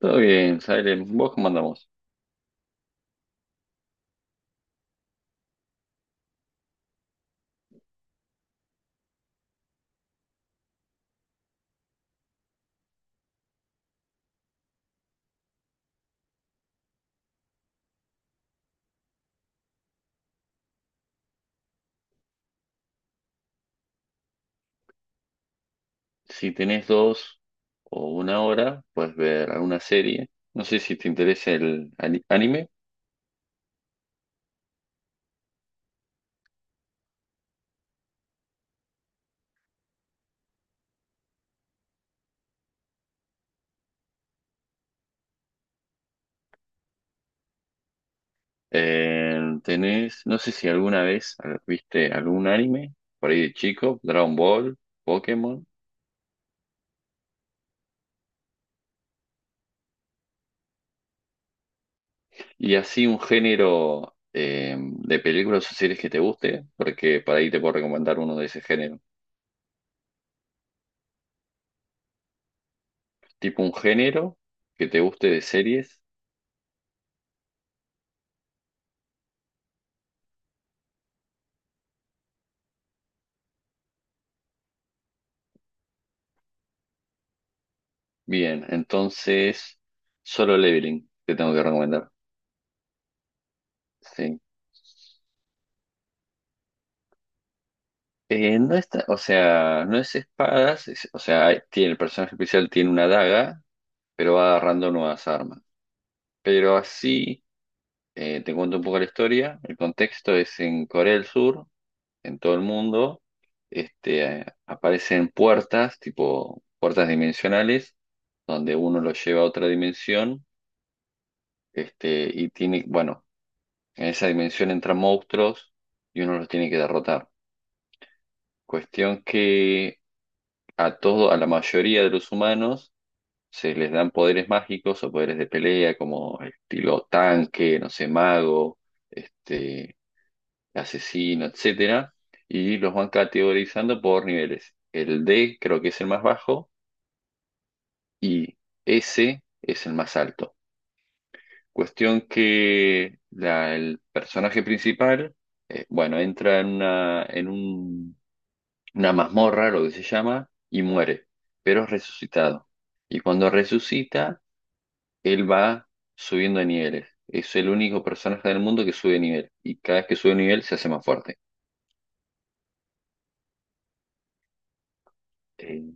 Todo bien, Salem. ¿Vos cómo andamos? Si tenés 2 o 1 hora, puedes ver alguna serie. No sé si te interesa el anime. Tenés, no sé si alguna vez viste algún anime por ahí de chico, Dragon Ball, Pokémon, y así un género de películas o series que te guste, porque por ahí te puedo recomendar uno de ese género. Tipo un género que te guste de series. Bien, entonces, Solo Leveling te tengo que recomendar. Sí. No está, o sea, no es espadas, o sea, el personaje especial tiene una daga, pero va agarrando nuevas armas. Pero así, te cuento un poco la historia. El contexto es en Corea del Sur, en todo el mundo. Aparecen puertas, tipo puertas dimensionales, donde uno lo lleva a otra dimensión. Y tiene, bueno, en esa dimensión entran monstruos y uno los tiene que derrotar. Cuestión que a la mayoría de los humanos se les dan poderes mágicos o poderes de pelea, como estilo tanque, no sé, mago, este, asesino, etcétera, y los van categorizando por niveles. El D creo que es el más bajo y S es el más alto. Cuestión que el personaje principal, bueno, entra en una mazmorra, lo que se llama, y muere, pero es resucitado. Y cuando resucita, él va subiendo de niveles. Es el único personaje del mundo que sube de nivel. Y cada vez que sube de nivel se hace más fuerte. Eh,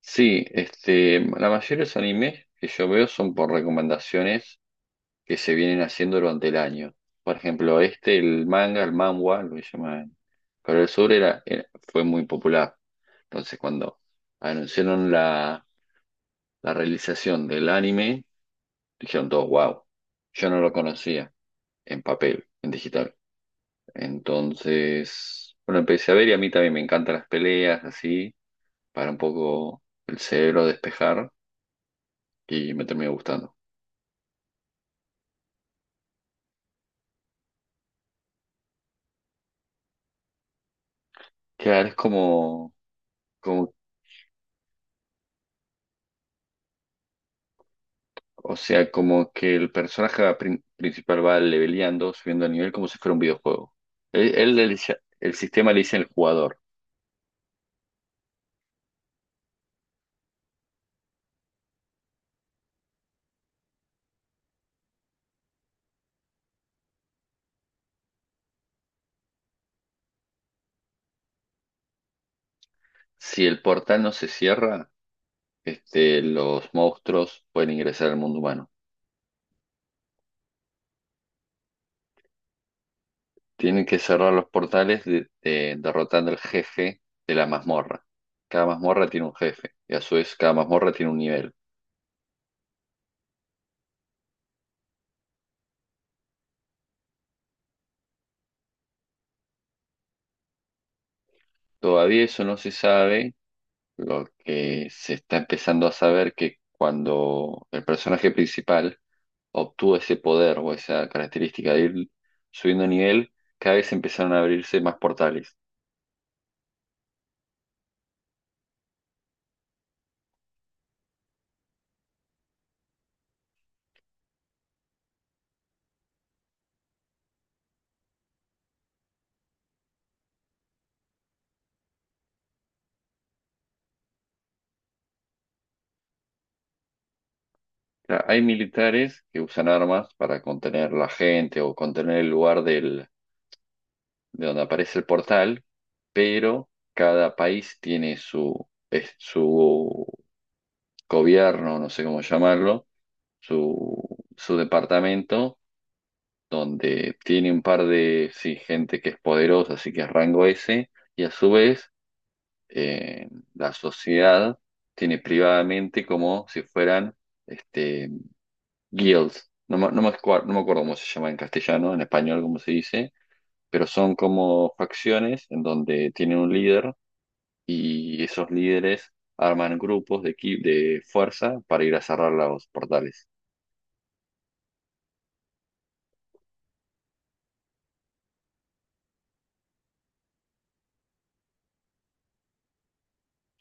sí, la mayoría de los animes que yo veo son por recomendaciones que se vienen haciendo durante el año. Por ejemplo, el manga, el manhwa, lo que llaman Corea del Sur, fue muy popular. Entonces, cuando anunciaron la realización del anime, dijeron todos, wow, yo no lo conocía en papel, en digital. Entonces, bueno, empecé a ver y a mí también me encantan las peleas, así, para un poco el cerebro despejar y me terminó gustando. Claro, es como, o sea, como que el personaje principal va leveleando, subiendo el nivel como si fuera un videojuego. Él el sistema le dice al jugador, si el portal no se cierra, los monstruos pueden ingresar al mundo humano. Tienen que cerrar los portales derrotando al jefe de la mazmorra. Cada mazmorra tiene un jefe y a su vez cada mazmorra tiene un nivel. Todavía eso no se sabe. Lo que se está empezando a saber que cuando el personaje principal obtuvo ese poder o esa característica de ir subiendo nivel, cada vez empezaron a abrirse más portales. O sea, hay militares que usan armas para contener la gente o contener el lugar del de donde aparece el portal, pero cada país tiene su gobierno, no sé cómo llamarlo, su departamento, donde tiene un par de, sí, gente que es poderosa, así que es rango S, y a su vez eh, la sociedad tiene privadamente como si fueran este, guilds. No me acuerdo cómo se llama en castellano, en español, cómo se dice, pero son como facciones en donde tienen un líder y esos líderes arman grupos de fuerza para ir a cerrar los portales.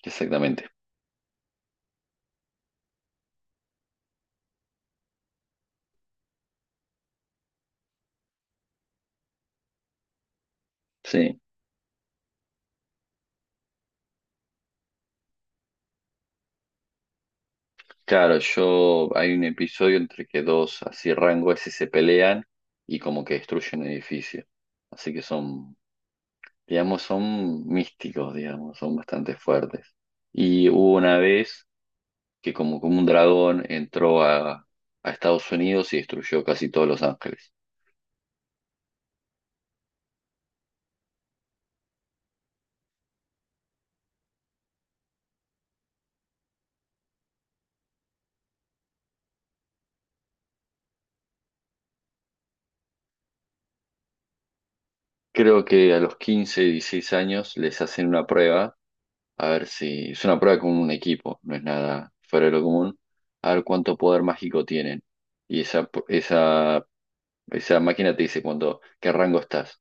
Exactamente. Sí. Claro, yo hay un episodio entre que dos así rangos ese se pelean y como que destruyen un edificio. Así que son, digamos, son místicos, digamos, son bastante fuertes. Y hubo una vez que como un dragón entró a Estados Unidos y destruyó casi todos Los Ángeles. Creo que a los 15, 16 años les hacen una prueba, a ver si es una prueba con un equipo, no es nada fuera de lo común, a ver cuánto poder mágico tienen. Y esa máquina te dice cuánto, qué rango estás.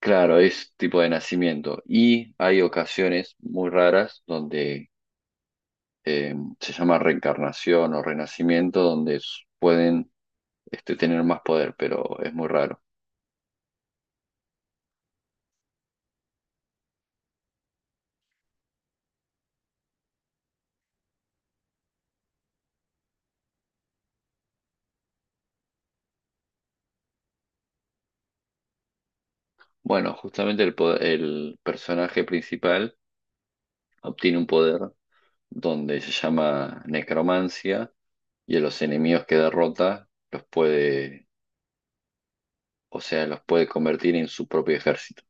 Claro, es tipo de nacimiento. Y hay ocasiones muy raras donde eh, se llama reencarnación o renacimiento, donde pueden tener más poder, pero es muy raro. Bueno, justamente el personaje principal obtiene un poder donde se llama necromancia y a los enemigos que derrota los puede, o sea, los puede convertir en su propio ejército.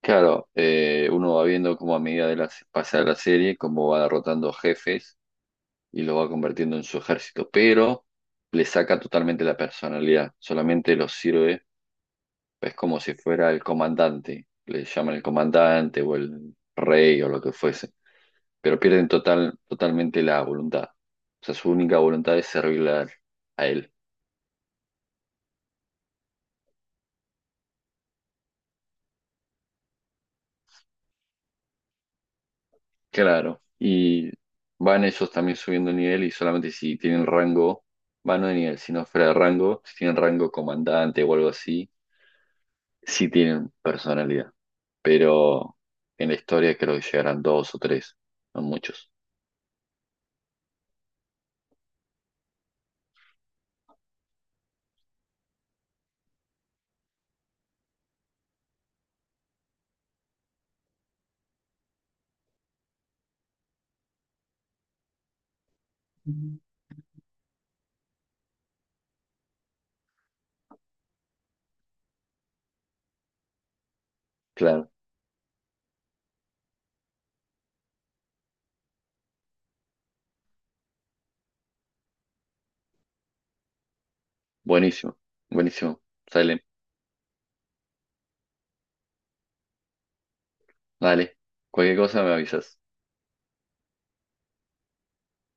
Claro, uno va viendo cómo a medida pasa la serie, cómo va derrotando jefes y los va convirtiendo en su ejército, pero le saca totalmente la personalidad, solamente los sirve, es como si fuera el comandante, le llaman el comandante o el rey o lo que fuese, pero pierden totalmente la voluntad. O sea, su única voluntad es servirle a él. Claro. Y van ellos también subiendo nivel y solamente si tienen rango, van no de nivel, sino fuera de rango, si tienen rango comandante o algo así, sí tienen personalidad. Pero en la historia creo que llegarán dos o tres, no muchos. Ujú. Claro. Buenísimo, buenísimo. Sale, dale. Cualquier cosa me avisas.